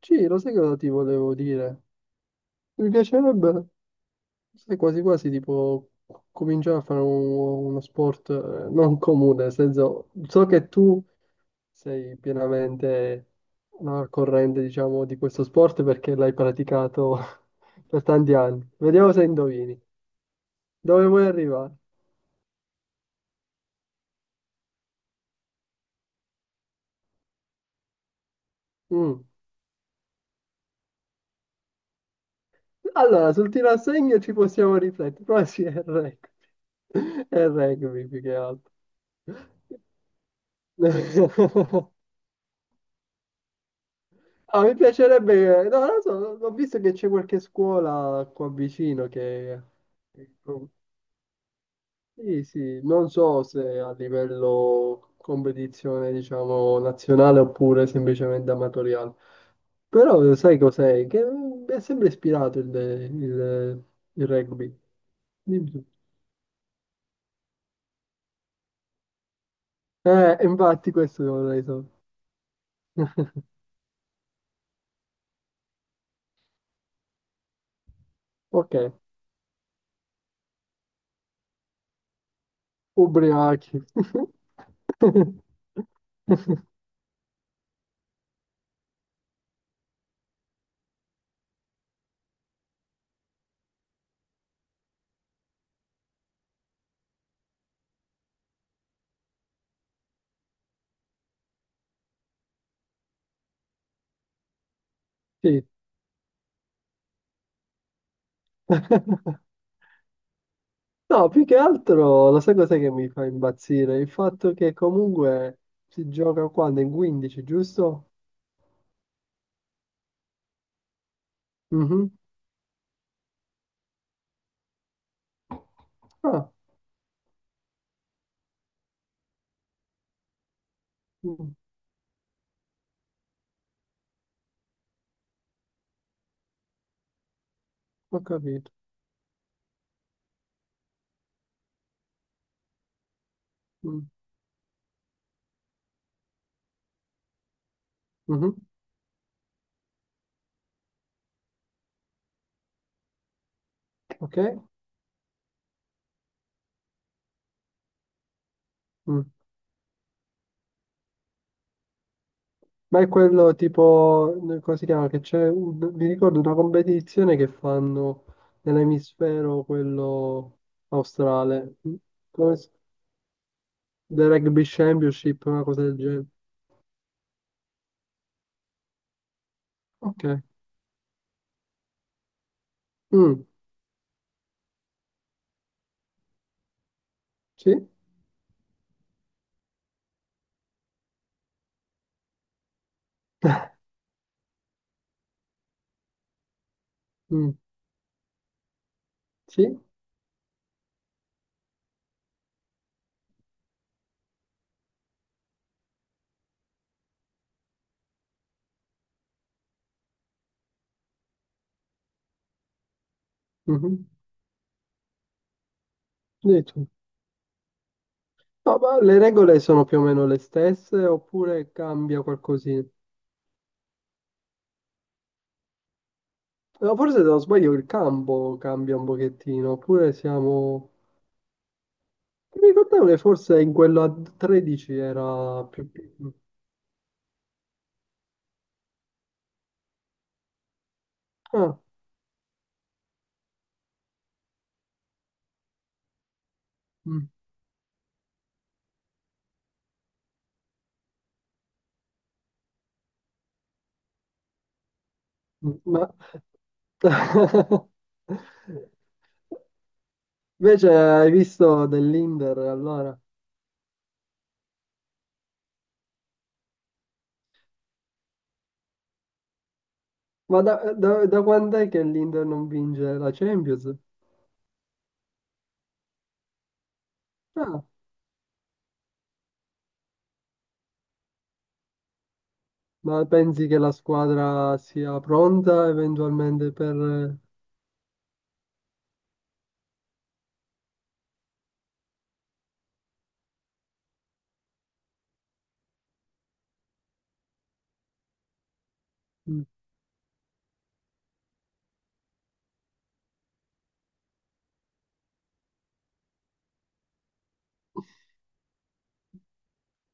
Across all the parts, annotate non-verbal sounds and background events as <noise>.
Sì, lo sai cosa ti volevo dire? Mi piacerebbe, sai, quasi quasi tipo cominciare a fare uno sport non comune, nel senso, so che tu sei pienamente no, al corrente, diciamo, di questo sport perché l'hai praticato <laughs> per tanti anni. Vediamo se indovini. Dove vuoi arrivare? Mm. Allora, sul tiro a segno ci possiamo riflettere, però sì, è il rugby. <laughs> È il rugby più che altro. <laughs> Ah, mi piacerebbe, no, non lo so, ho visto che c'è qualche scuola qua vicino che... Sì, sì, non so se a livello competizione, diciamo, nazionale oppure semplicemente amatoriale. Però sai cos'è? Che è sempre ispirato il rugby. Dimmi tu. Infatti questo lo vorrei sapere. <laughs> Ok, ubriachi. <laughs> Sì. <laughs> No, più che altro, lo sai cos'è che mi fa impazzire? Il fatto che comunque si gioca quando? In 15, giusto? Mhm. Ah, mm, ho capito. Mm, mhm, ok. Mm. Ma è quello tipo, come si chiama? Che c'è, mi ricordo una competizione che fanno nell'emisfero quello australe. Mm. Come si- The Rugby Championship, una cosa del genere. Ok. Mm. Sì. <laughs> Mm. Sì. Mhm. Dì tu. No, ma le regole sono più o meno le stesse oppure cambia qualcosina? No, forse se non sbaglio il campo cambia un pochettino, oppure siamo... Mi ricordavo che forse in quello a 13 era più piccolo. Ah, mm, mm, ma... <laughs> Invece hai visto dell'Inter allora? Ma da quant'è che l'Inter non vince la Champions? Ah, ma pensi che la squadra sia pronta eventualmente per... mm,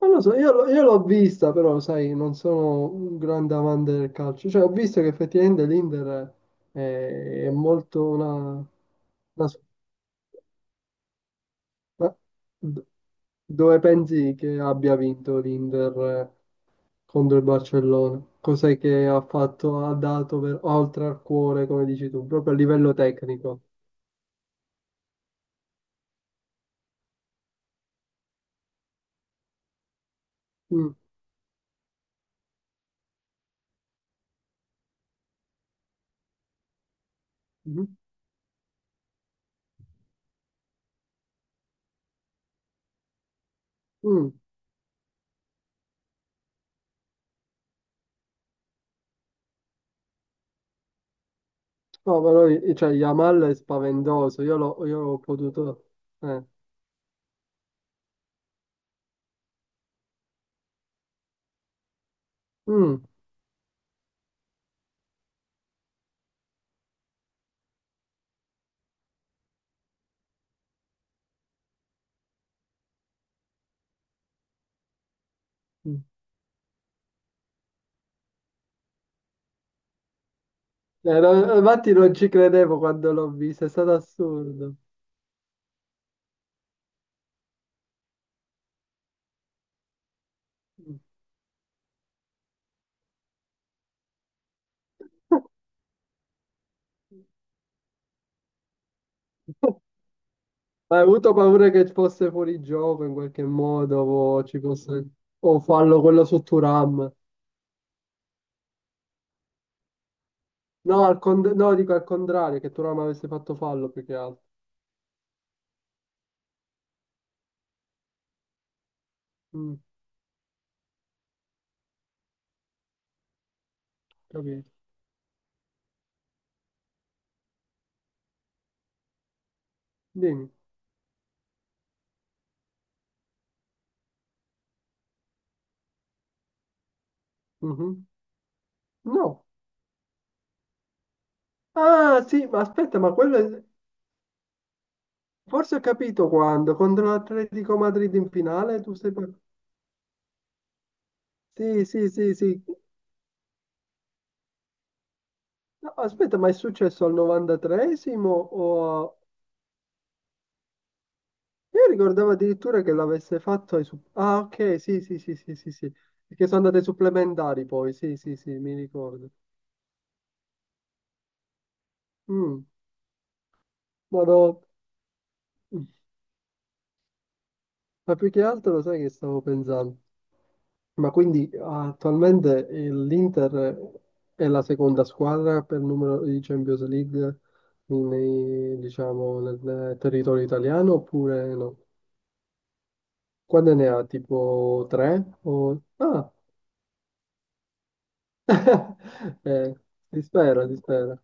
Non lo so, io l'ho vista, però, sai, non sono un grande amante del calcio. Cioè, ho visto che effettivamente l'Inter è molto una ma d- Dove pensi che abbia vinto l'Inter contro il Barcellona? Cos'è che ha fatto, ha dato oltre al cuore, come dici tu, proprio a livello tecnico? Mm, mhm, mm. No, però, cioè, Yamal è spaventoso, io ho potuto... eh, mm. Mm. No, infatti non ci credevo quando l'ho vista, è stato assurdo. <laughs> Ma hai avuto paura che fosse fuori gioco in qualche modo, o ci fosse o fallo quello su Turam. No, no, dico al contrario, che Turam avesse fatto fallo più che altro. Mm, capito. Dimmi. Mhm. No. Ah, sì, ma aspetta, ma forse ho capito quando, contro l'Atletico Madrid in finale, tu sei... par- Sì, sì, sì, sì. No, aspetta, ma è successo al 93esimo o... Io ricordavo addirittura che l'avesse fatto. Ah, ok, sì, sì, sì, sì, sì, sì. Perché sono andate ai supplementari poi, sì, sì, sì, mi ricordo. Mm, ma no, ma più che altro lo sai che stavo pensando? Ma quindi attualmente l'Inter è la seconda squadra per numero di Champions League diciamo, nel territorio italiano oppure no? Quante ne ha? Tipo tre? O... Ah, <laughs> eh, si spera, si spera.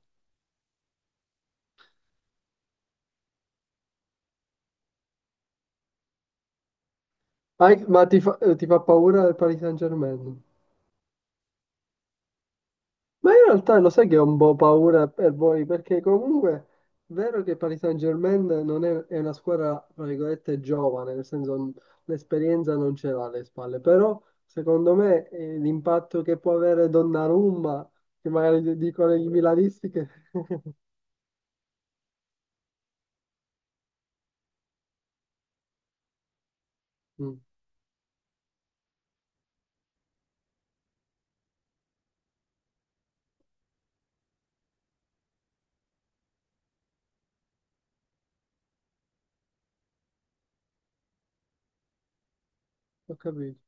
Ma ti fa paura il Paris Saint-Germain? Ma in realtà lo sai che ho un po' paura per voi, perché comunque è vero che il Paris Saint-Germain non è una squadra, tra virgolette, giovane, nel senso l'esperienza non ce l'ha alle spalle, però secondo me l'impatto che può avere Donnarumma, che magari dicono i milanisti che... <laughs> Mm, ho capito.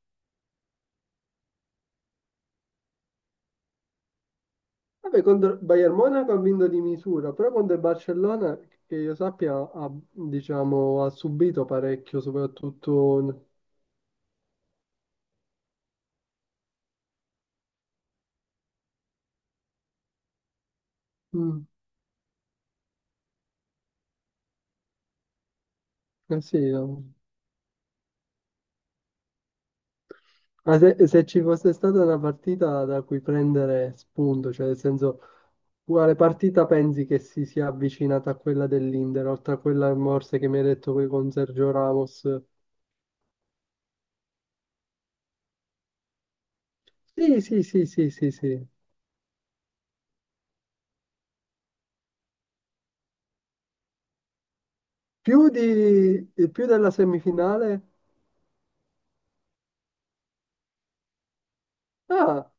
Vabbè, contro il Bayern Monaco ha vinto di misura, però contro il Barcellona, che io sappia, ha, diciamo, ha subito parecchio, soprattutto... Mm, eh sì, no. Ma se ci fosse stata una partita da cui prendere spunto, cioè nel senso, quale partita pensi che si sia avvicinata a quella dell'Inter, oltre a quella morse che mi hai detto qui con Sergio Ramos? Sì, sì, sì, sì, sì, sì. Più della semifinale? Ah!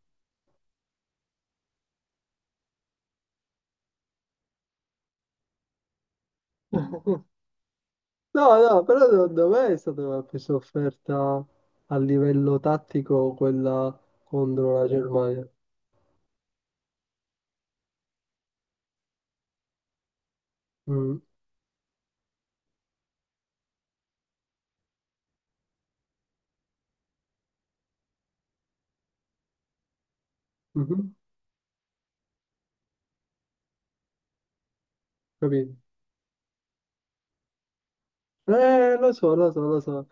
<laughs> No, no, però secondo me è stata una presa offerta a livello tattico quella contro la Germania. Mm, mhm, capito? Lo so, lo so, lo so.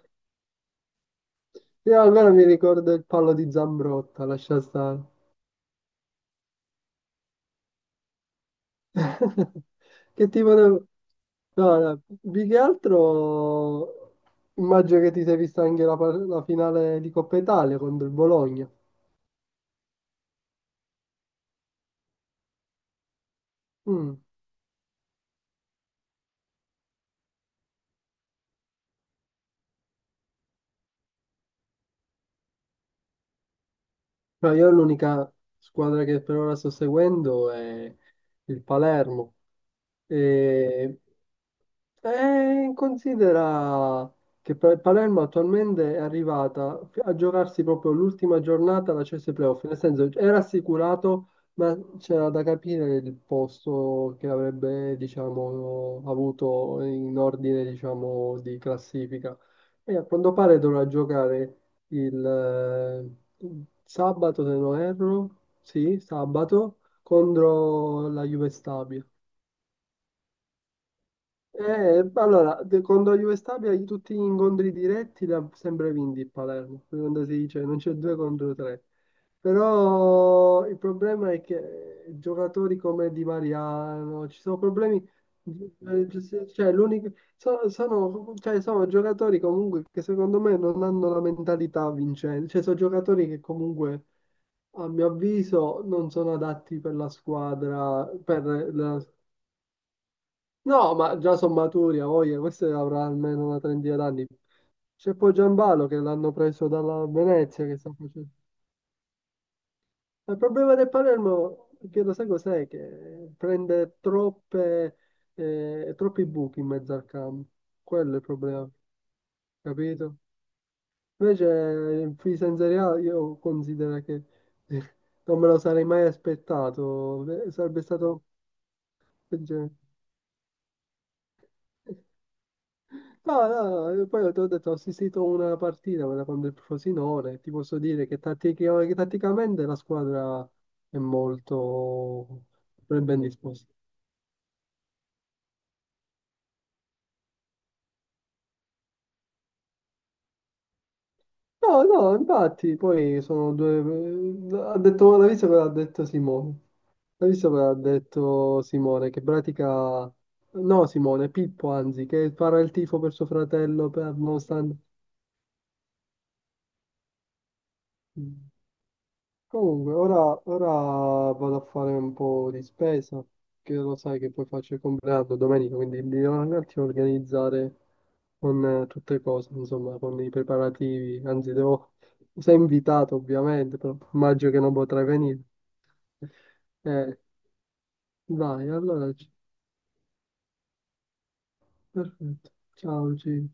Io almeno mi ricordo il palo di Zambrotta, lascia stare. <laughs> Che tipo di... No, no, più che altro immagino che ti sei vista anche la finale di Coppa Italia contro il Bologna. Mm. No, io l'unica squadra che per ora sto seguendo è il Palermo. E considera che Palermo attualmente è arrivata a giocarsi proprio l'ultima giornata alla CS Playoff, nel senso era assicurato, ma c'era da capire il posto che avrebbe, diciamo, avuto in ordine, diciamo, di classifica. E a quanto pare dovrà giocare il eh, sabato, se non erro, sì, sabato, contro la Juve Stabia. Allora, con la Juve Stabia in tutti gli incontri diretti l'ha sempre vinti il Palermo, quando si dice non c'è due contro tre. Però il problema è che giocatori come Di Mariano, ci sono problemi, cioè, l'unico, sono, cioè, sono giocatori comunque che secondo me non hanno la mentalità vincente, cioè sono giocatori che comunque a mio avviso non sono adatti per la squadra, per la. No, ma già sono maturi, a voglia, questo avrà almeno una trentina d'anni. C'è poi Gianbalo che l'hanno preso dalla Venezia che sta facendo. Ma il problema del Palermo, che lo sai cos'è? Che prende troppi buchi in mezzo al campo. Quello è il problema, capito? Invece in Fisa in Serie A io considero che <laughs> non me lo sarei mai aspettato. Sarebbe stato... peggio. No, no, no, io poi ho detto, ho assistito a una partita quella con del Frosinone, ti posso dire che tatticamente la squadra è molto ben disposta. No, no, infatti, poi sono due... Ha detto, l'ha visto cosa ha detto Simone? L'ha visto cosa ha detto Simone? Che pratica... No, Simone, Pippo, anzi, che farà il tifo per suo fratello, per, nonostante... Comunque, ora vado a fare un po' di spesa, che lo sai che poi faccio il compleanno domenica, quindi mi devo un attimo organizzare con tutte le cose, insomma, con i preparativi. Anzi, devo... Sei invitato, ovviamente, però immagino che non potrai venire. Eh, dai, allora, perfetto. Ciao, Gino.